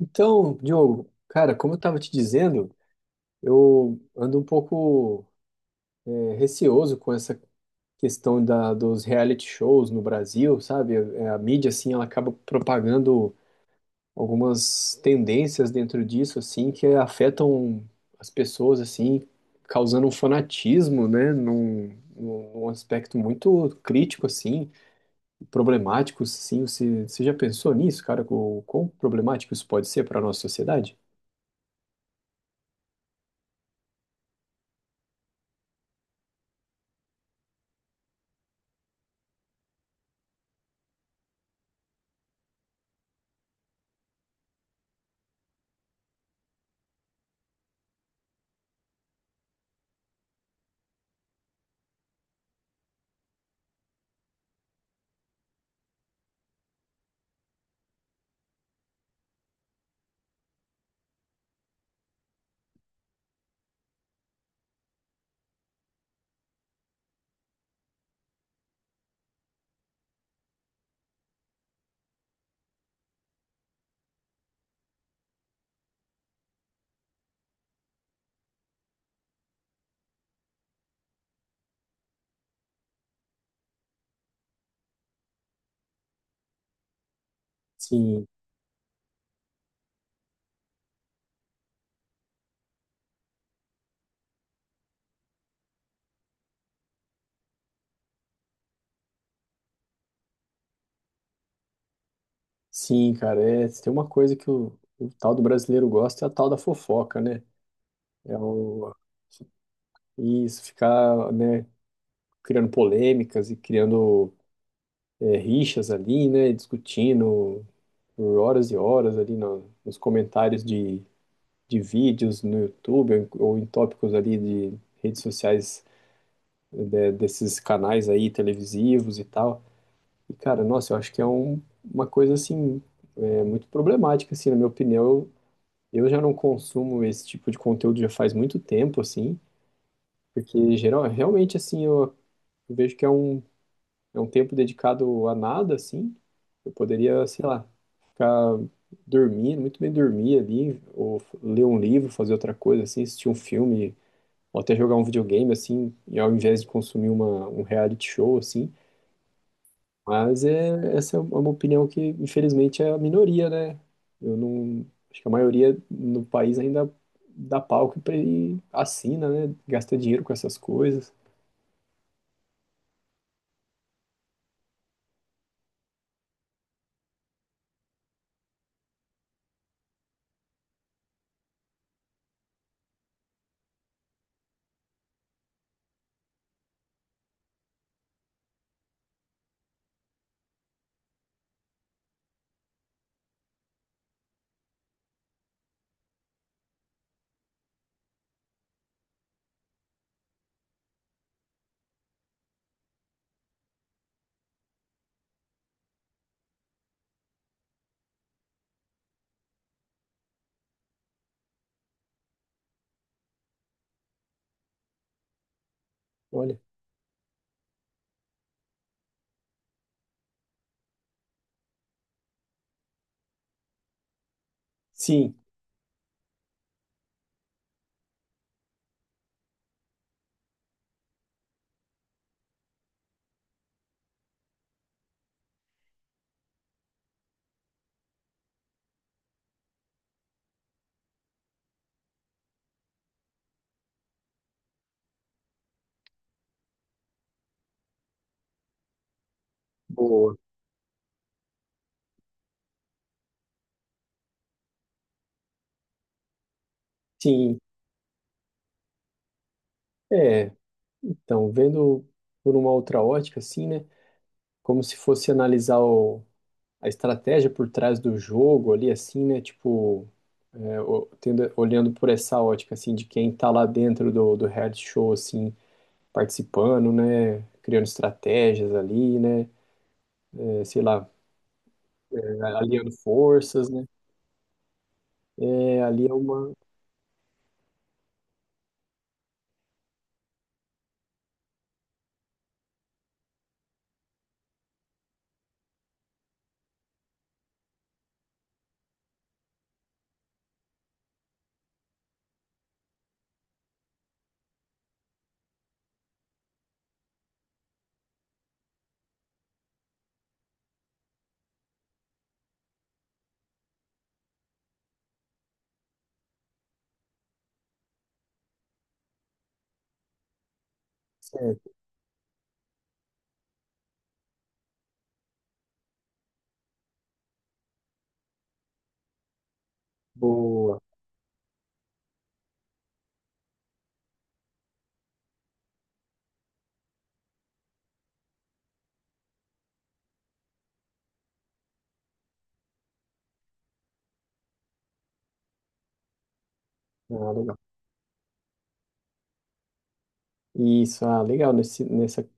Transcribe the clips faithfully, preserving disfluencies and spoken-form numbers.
Então, Diogo, cara, como eu estava te dizendo, eu ando um pouco é, receoso com essa questão da, dos reality shows no Brasil, sabe? É, A mídia, assim, ela acaba propagando algumas tendências dentro disso, assim, que afetam as pessoas, assim, causando um fanatismo, né? Num, num aspecto muito crítico, assim, problemático, assim. Você, você já pensou nisso, cara? O quão problemático isso pode ser para a nossa sociedade? Sim. Sim, cara, é, tem uma coisa que o, o tal do brasileiro gosta, é a tal da fofoca, né? É o, isso, ficar, né, criando polêmicas e criando é, rixas ali, né, discutindo por horas e horas ali no- nos comentários de, de vídeos no YouTube ou em ou em tópicos ali de redes sociais, né, desses canais aí televisivos e tal. E, cara, nossa, eu acho que é um, uma coisa, assim, é, muito problemática, assim, na minha opinião. Eu já não consumo esse tipo de conteúdo já faz muito tempo, assim, porque geral, realmente, assim, eu, eu vejo que é um, é um tempo dedicado a nada, assim. Eu poderia, sei lá, ficar dormindo, muito bem dormir ali, ou f- ler um livro, fazer outra coisa, assim, assistir um filme, ou até jogar um videogame, assim, e ao invés de consumir uma, um reality show, assim. Mas é, essa é uma opinião que, infelizmente, é a minoria, né? Eu não. Acho que a maioria no país ainda dá palco pra- e assina, né? Gasta dinheiro com essas coisas. Olha. Sim, boa. Sim. É, então, vendo por uma outra ótica, assim, né? Como se fosse analisar o- a estratégia por trás do jogo ali, assim, né? Tipo, é, o- tendo- olhando por essa ótica, assim, de quem tá lá dentro do, do reality show, assim, participando, né? Criando estratégias ali, né? É, sei lá, aliando forças, né? É, ali é uma. Certo, boa. Ah, legal. Isso, ah, legal. Nesse, nessa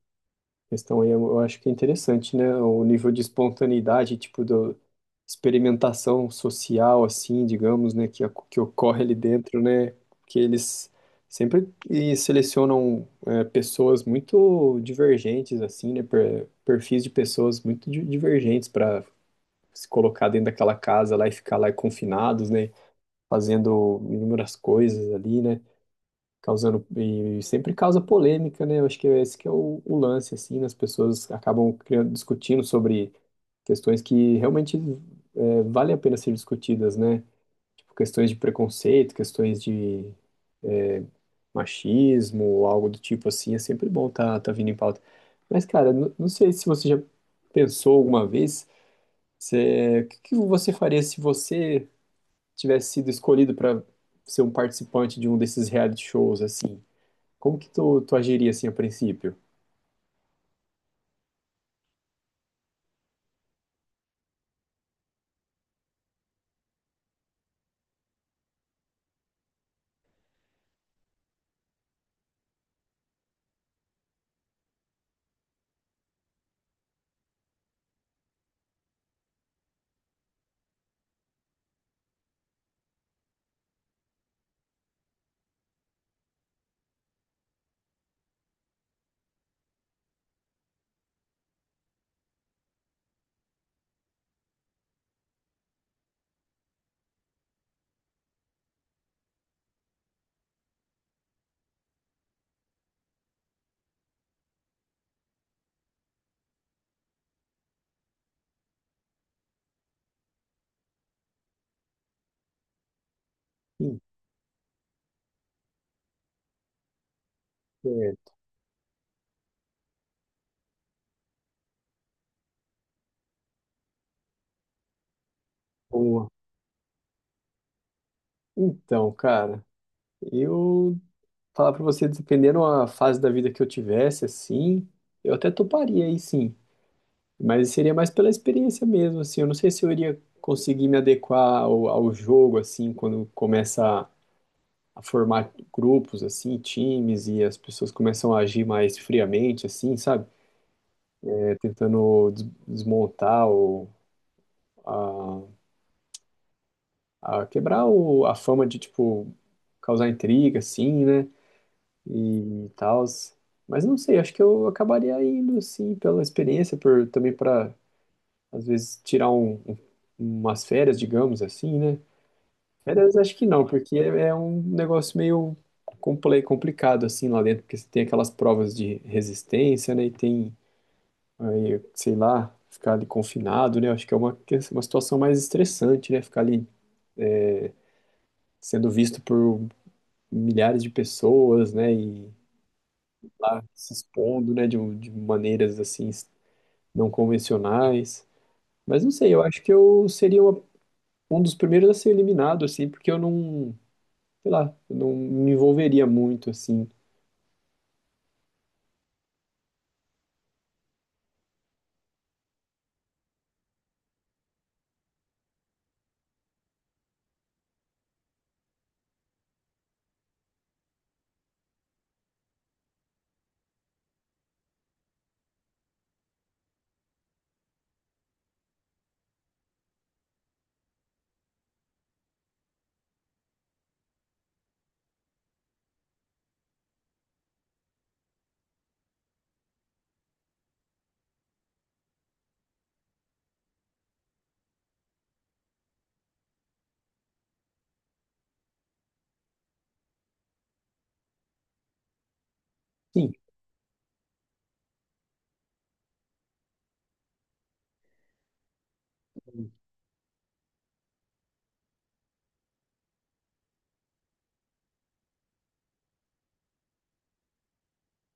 questão aí, eu eu acho que é interessante, né? O nível de espontaneidade, tipo, do experimentação social, assim, digamos, né? Que, ac- que ocorre ali dentro, né? Que eles sempre e selecionam, é, pessoas muito divergentes, assim, né? per- perfis de pessoas muito di- divergentes para se colocar dentro daquela casa lá e ficar lá confinados, né? Fazendo inúmeras coisas ali, né? Causando, e sempre causa polêmica, né? Eu acho que é esse que é o, o lance, assim, né? As pessoas acabam criando, discutindo sobre questões que realmente, é, vale a pena ser discutidas, né? Tipo, questões de preconceito, questões de machismo, ou algo do tipo assim, é sempre bom tá, tá vindo em pauta. Mas, cara, n- não sei se você já pensou alguma vez, se, o que que você faria se você tivesse sido escolhido para ser um participante de um desses reality shows, assim, como que tu, tu agiria, assim, a princípio? Sim, é, boa. Então, cara, eu falar pra você, dependendo a fase da vida que eu tivesse, assim, eu até toparia aí, sim. Mas seria mais pela experiência mesmo, assim. Eu não sei se eu iria conseguir me adequar ao, ao jogo, assim, quando começa a formar grupos, assim, times, e as pessoas começam a agir mais friamente, assim, sabe? tentando des- desmontar ou a, a quebrar o, a fama de, tipo, causar intriga, assim, né? E tal. Mas não sei, acho que eu acabaria indo, assim, pela experiência, por também para, às vezes, tirar um, um- umas férias, digamos assim, né? Férias acho que não, porque é, é um negócio meio comple- complicado, assim, lá dentro, porque você tem aquelas provas de resistência, né? E tem. Aí, sei lá, ficar ali confinado, né? Acho que é uma, que- uma situação mais estressante, né? Ficar ali sendo visto por milhares de pessoas, né? E lá se expondo, né? De, um- de maneiras assim não convencionais. Mas não sei, eu acho que eu seria uma- um dos primeiros a ser eliminado, assim, porque eu não, sei lá, eu não me envolveria muito, assim. Sim.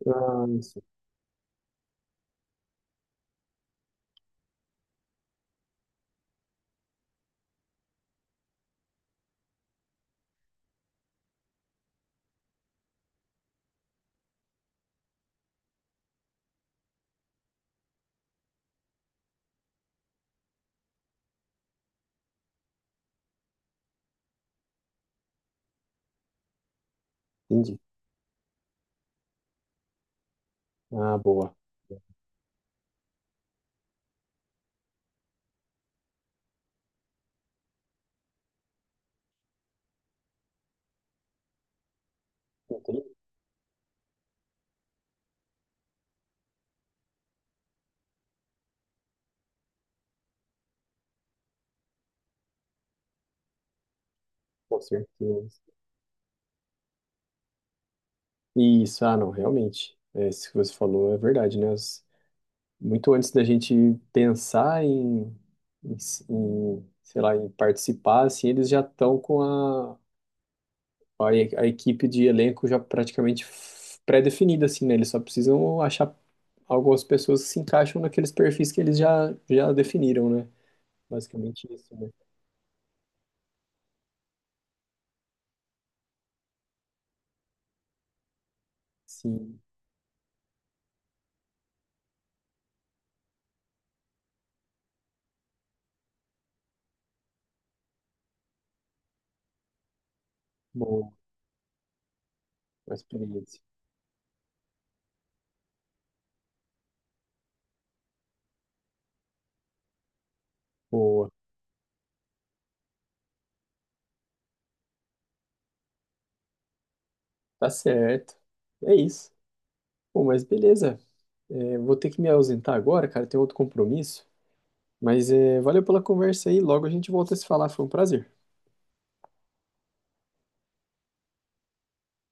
Ah, entendi. Ah, boa. Entendi, com certeza. Isso, ah, não, realmente. É, isso que você falou é verdade, né? As- muito antes da gente pensar em, em, em, sei lá, em participar, assim, eles já estão com a, a, e- a equipe de elenco já praticamente f- pré-definida, assim, né? Eles só precisam achar algumas pessoas que se encaixam naqueles perfis que eles já, já definiram, né? Basicamente isso, né? Sim, boa, uma experiência. Boa, tá certo. É isso. Bom, mas beleza. É, vou ter que me ausentar agora, cara, tem outro compromisso. Mas é, valeu pela conversa aí. Logo a gente volta a se falar. Foi um prazer.